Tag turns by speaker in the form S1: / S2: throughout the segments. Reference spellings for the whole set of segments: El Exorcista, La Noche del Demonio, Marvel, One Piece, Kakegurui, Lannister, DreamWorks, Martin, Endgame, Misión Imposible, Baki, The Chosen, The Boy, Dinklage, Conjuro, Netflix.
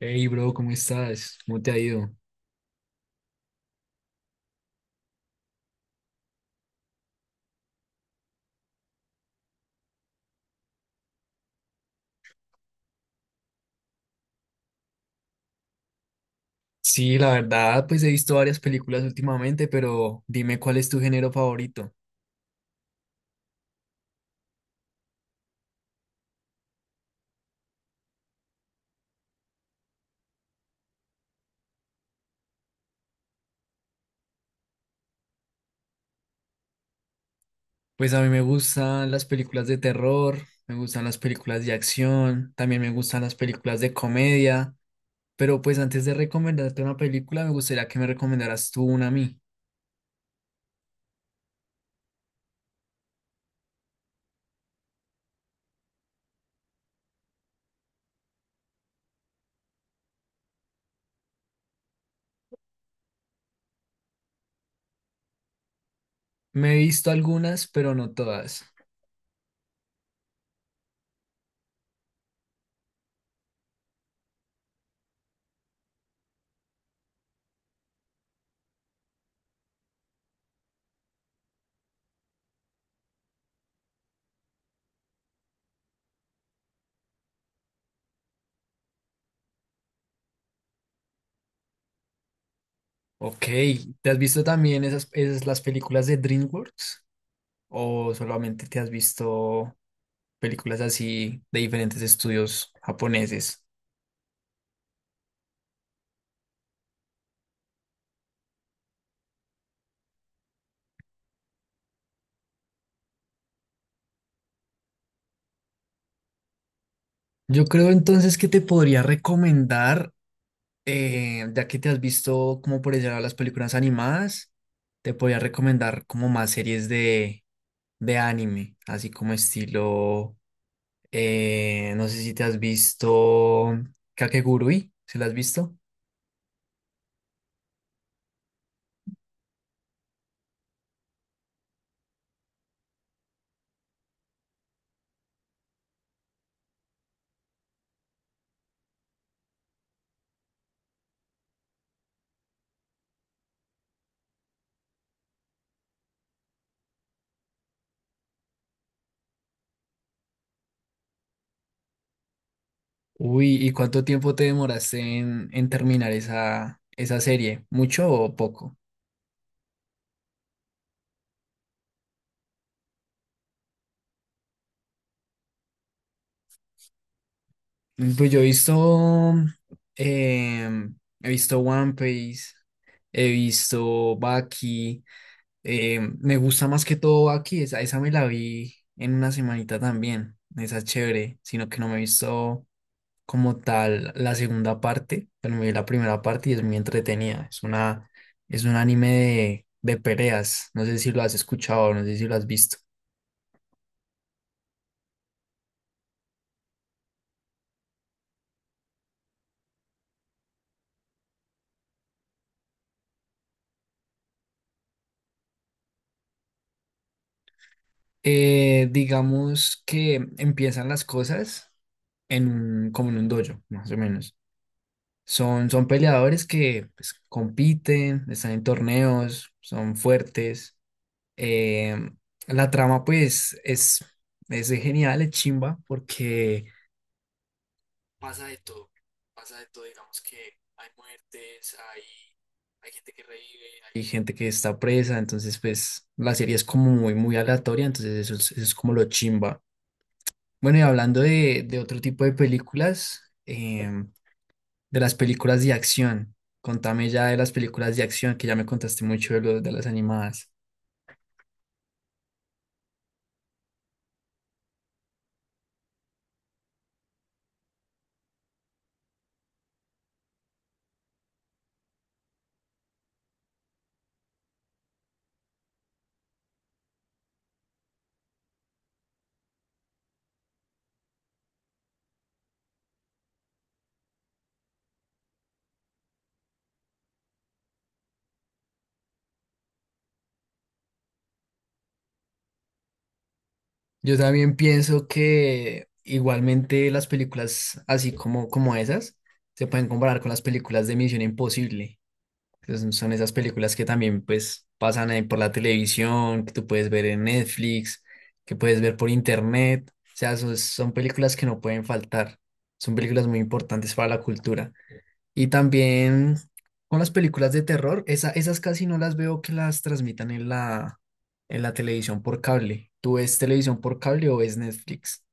S1: Hey, bro, ¿cómo estás? ¿Cómo te ha ido? Sí, la verdad, pues he visto varias películas últimamente, pero dime cuál es tu género favorito. Pues a mí me gustan las películas de terror, me gustan las películas de acción, también me gustan las películas de comedia, pero pues antes de recomendarte una película, me gustaría que me recomendaras tú una a mí. Me he visto algunas, pero no todas. Ok, ¿te has visto también esas las películas de DreamWorks? ¿O solamente te has visto películas así de diferentes estudios japoneses? Yo creo entonces que te podría recomendar, ya que te has visto como por allá las películas animadas, te podría recomendar como más series de anime, así como estilo. No sé si te has visto Kakegurui, ¿se la has visto? Uy, ¿y cuánto tiempo te demoraste en, terminar esa serie? ¿Mucho o poco? Pues yo he visto, he visto One Piece, he visto Baki, me gusta más que todo Baki. Esa me la vi en una semanita también. Esa es chévere, sino que no me he visto como tal la segunda parte, pero me vi la primera parte y es muy entretenida. Es un anime de peleas, no sé si lo has escuchado, no sé si lo has visto. Digamos que empiezan las cosas en como en un dojo, más o menos. Son peleadores que pues compiten, están en torneos, son fuertes. Eh, la trama pues es genial, es chimba, porque pasa de todo, pasa de todo. Digamos que hay muertes, hay gente que revive, hay gente que está presa, entonces pues la serie es como muy, muy aleatoria, entonces eso es como lo chimba. Bueno, y hablando de, otro tipo de películas, de las películas de acción, contame ya de las películas de acción, que ya me contaste mucho de las animadas. Yo también pienso que igualmente las películas así como esas se pueden comparar con las películas de Misión Imposible. Entonces, son esas películas que también pues pasan ahí por la televisión, que tú puedes ver en Netflix, que puedes ver por internet. O sea, son películas que no pueden faltar. Son películas muy importantes para la cultura. Y también con las películas de terror, esas casi no las veo que las transmitan en la, televisión por cable. ¿Tú ves televisión por cable o ves Netflix?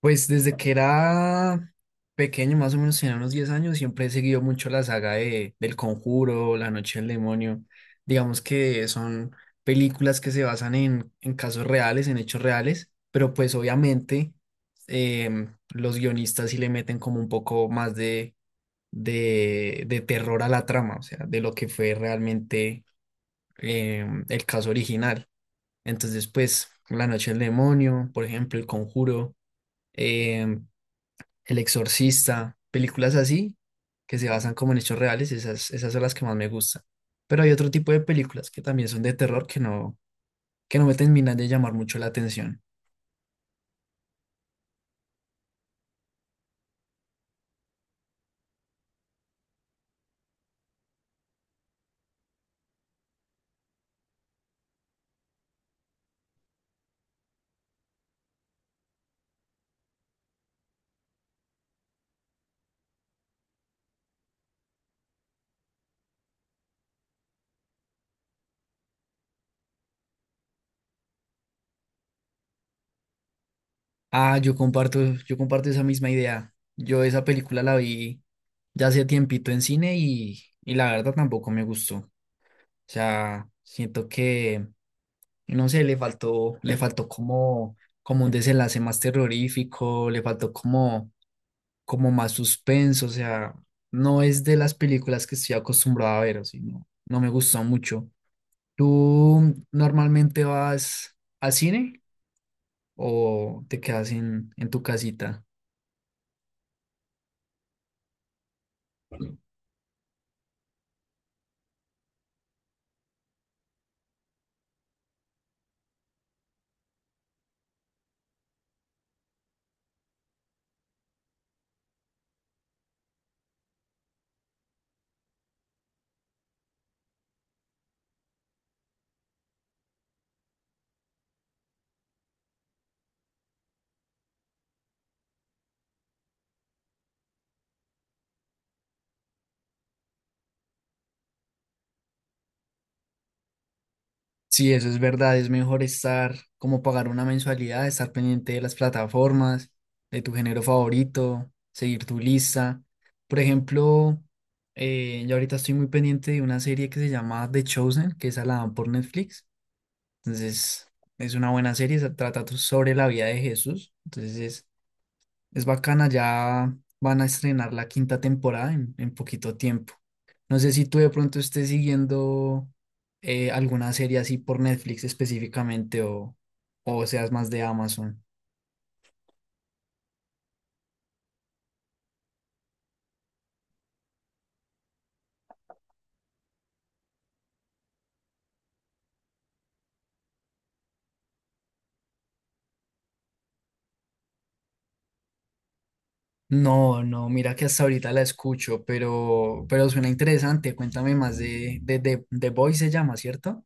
S1: Pues desde que era pequeño, más o menos tenía unos 10 años, siempre he seguido mucho la saga del Conjuro, La Noche del Demonio. Digamos que son películas que se basan en casos reales, en hechos reales, pero pues obviamente los guionistas sí le meten como un poco más de de terror a la trama, o sea, de lo que fue realmente, el caso original. Entonces, pues, La Noche del Demonio, por ejemplo, El Conjuro, eh, El Exorcista, películas así que se basan como en hechos reales. Esas son las que más me gustan. Pero hay otro tipo de películas que también son de terror que no me terminan de llamar mucho la atención. Ah, yo comparto esa misma idea. Yo esa película la vi ya hace tiempito en cine y la verdad tampoco me gustó. O sea, siento que, no sé, le faltó como, como, un desenlace más terrorífico, le faltó como, como más suspenso. O sea, no es de las películas que estoy acostumbrado a ver, o sea, no me gustó mucho. ¿Tú normalmente vas al cine o te quedas en tu casita? Sí, eso es verdad. Es mejor estar como pagar una mensualidad, estar pendiente de las plataformas, de tu género favorito, seguir tu lista. Por ejemplo, yo ahorita estoy muy pendiente de una serie que se llama The Chosen, que esa la dan por Netflix. Entonces, es una buena serie, se trata sobre la vida de Jesús. Entonces, es bacana, ya van a estrenar la quinta temporada en poquito tiempo. No sé si tú de pronto estés siguiendo, alguna serie así por Netflix específicamente o seas más de Amazon. No, no, mira que hasta ahorita la escucho, pero suena interesante. Cuéntame más de The Boy, se llama, ¿cierto?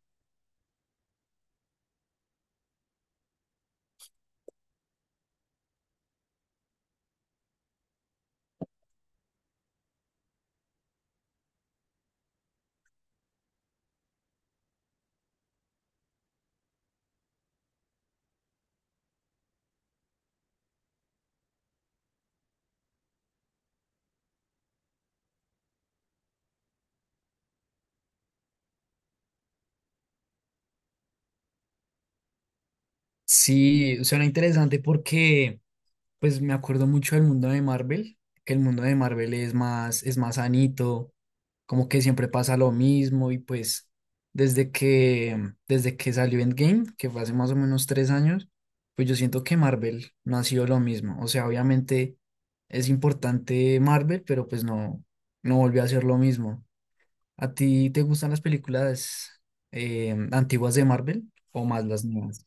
S1: Sí, suena interesante porque pues me acuerdo mucho del mundo de Marvel, que el mundo de Marvel es más sanito, como que siempre pasa lo mismo y pues desde que, desde que salió Endgame, que fue hace más o menos 3 años, pues yo siento que Marvel no ha sido lo mismo. O sea, obviamente es importante Marvel, pero pues no volvió a ser lo mismo. ¿A ti te gustan las películas, antiguas de Marvel o más las nuevas?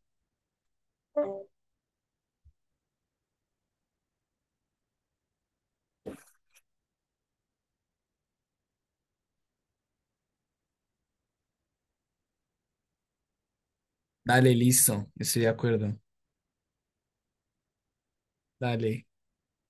S1: Dale, listo, estoy de acuerdo. Dale.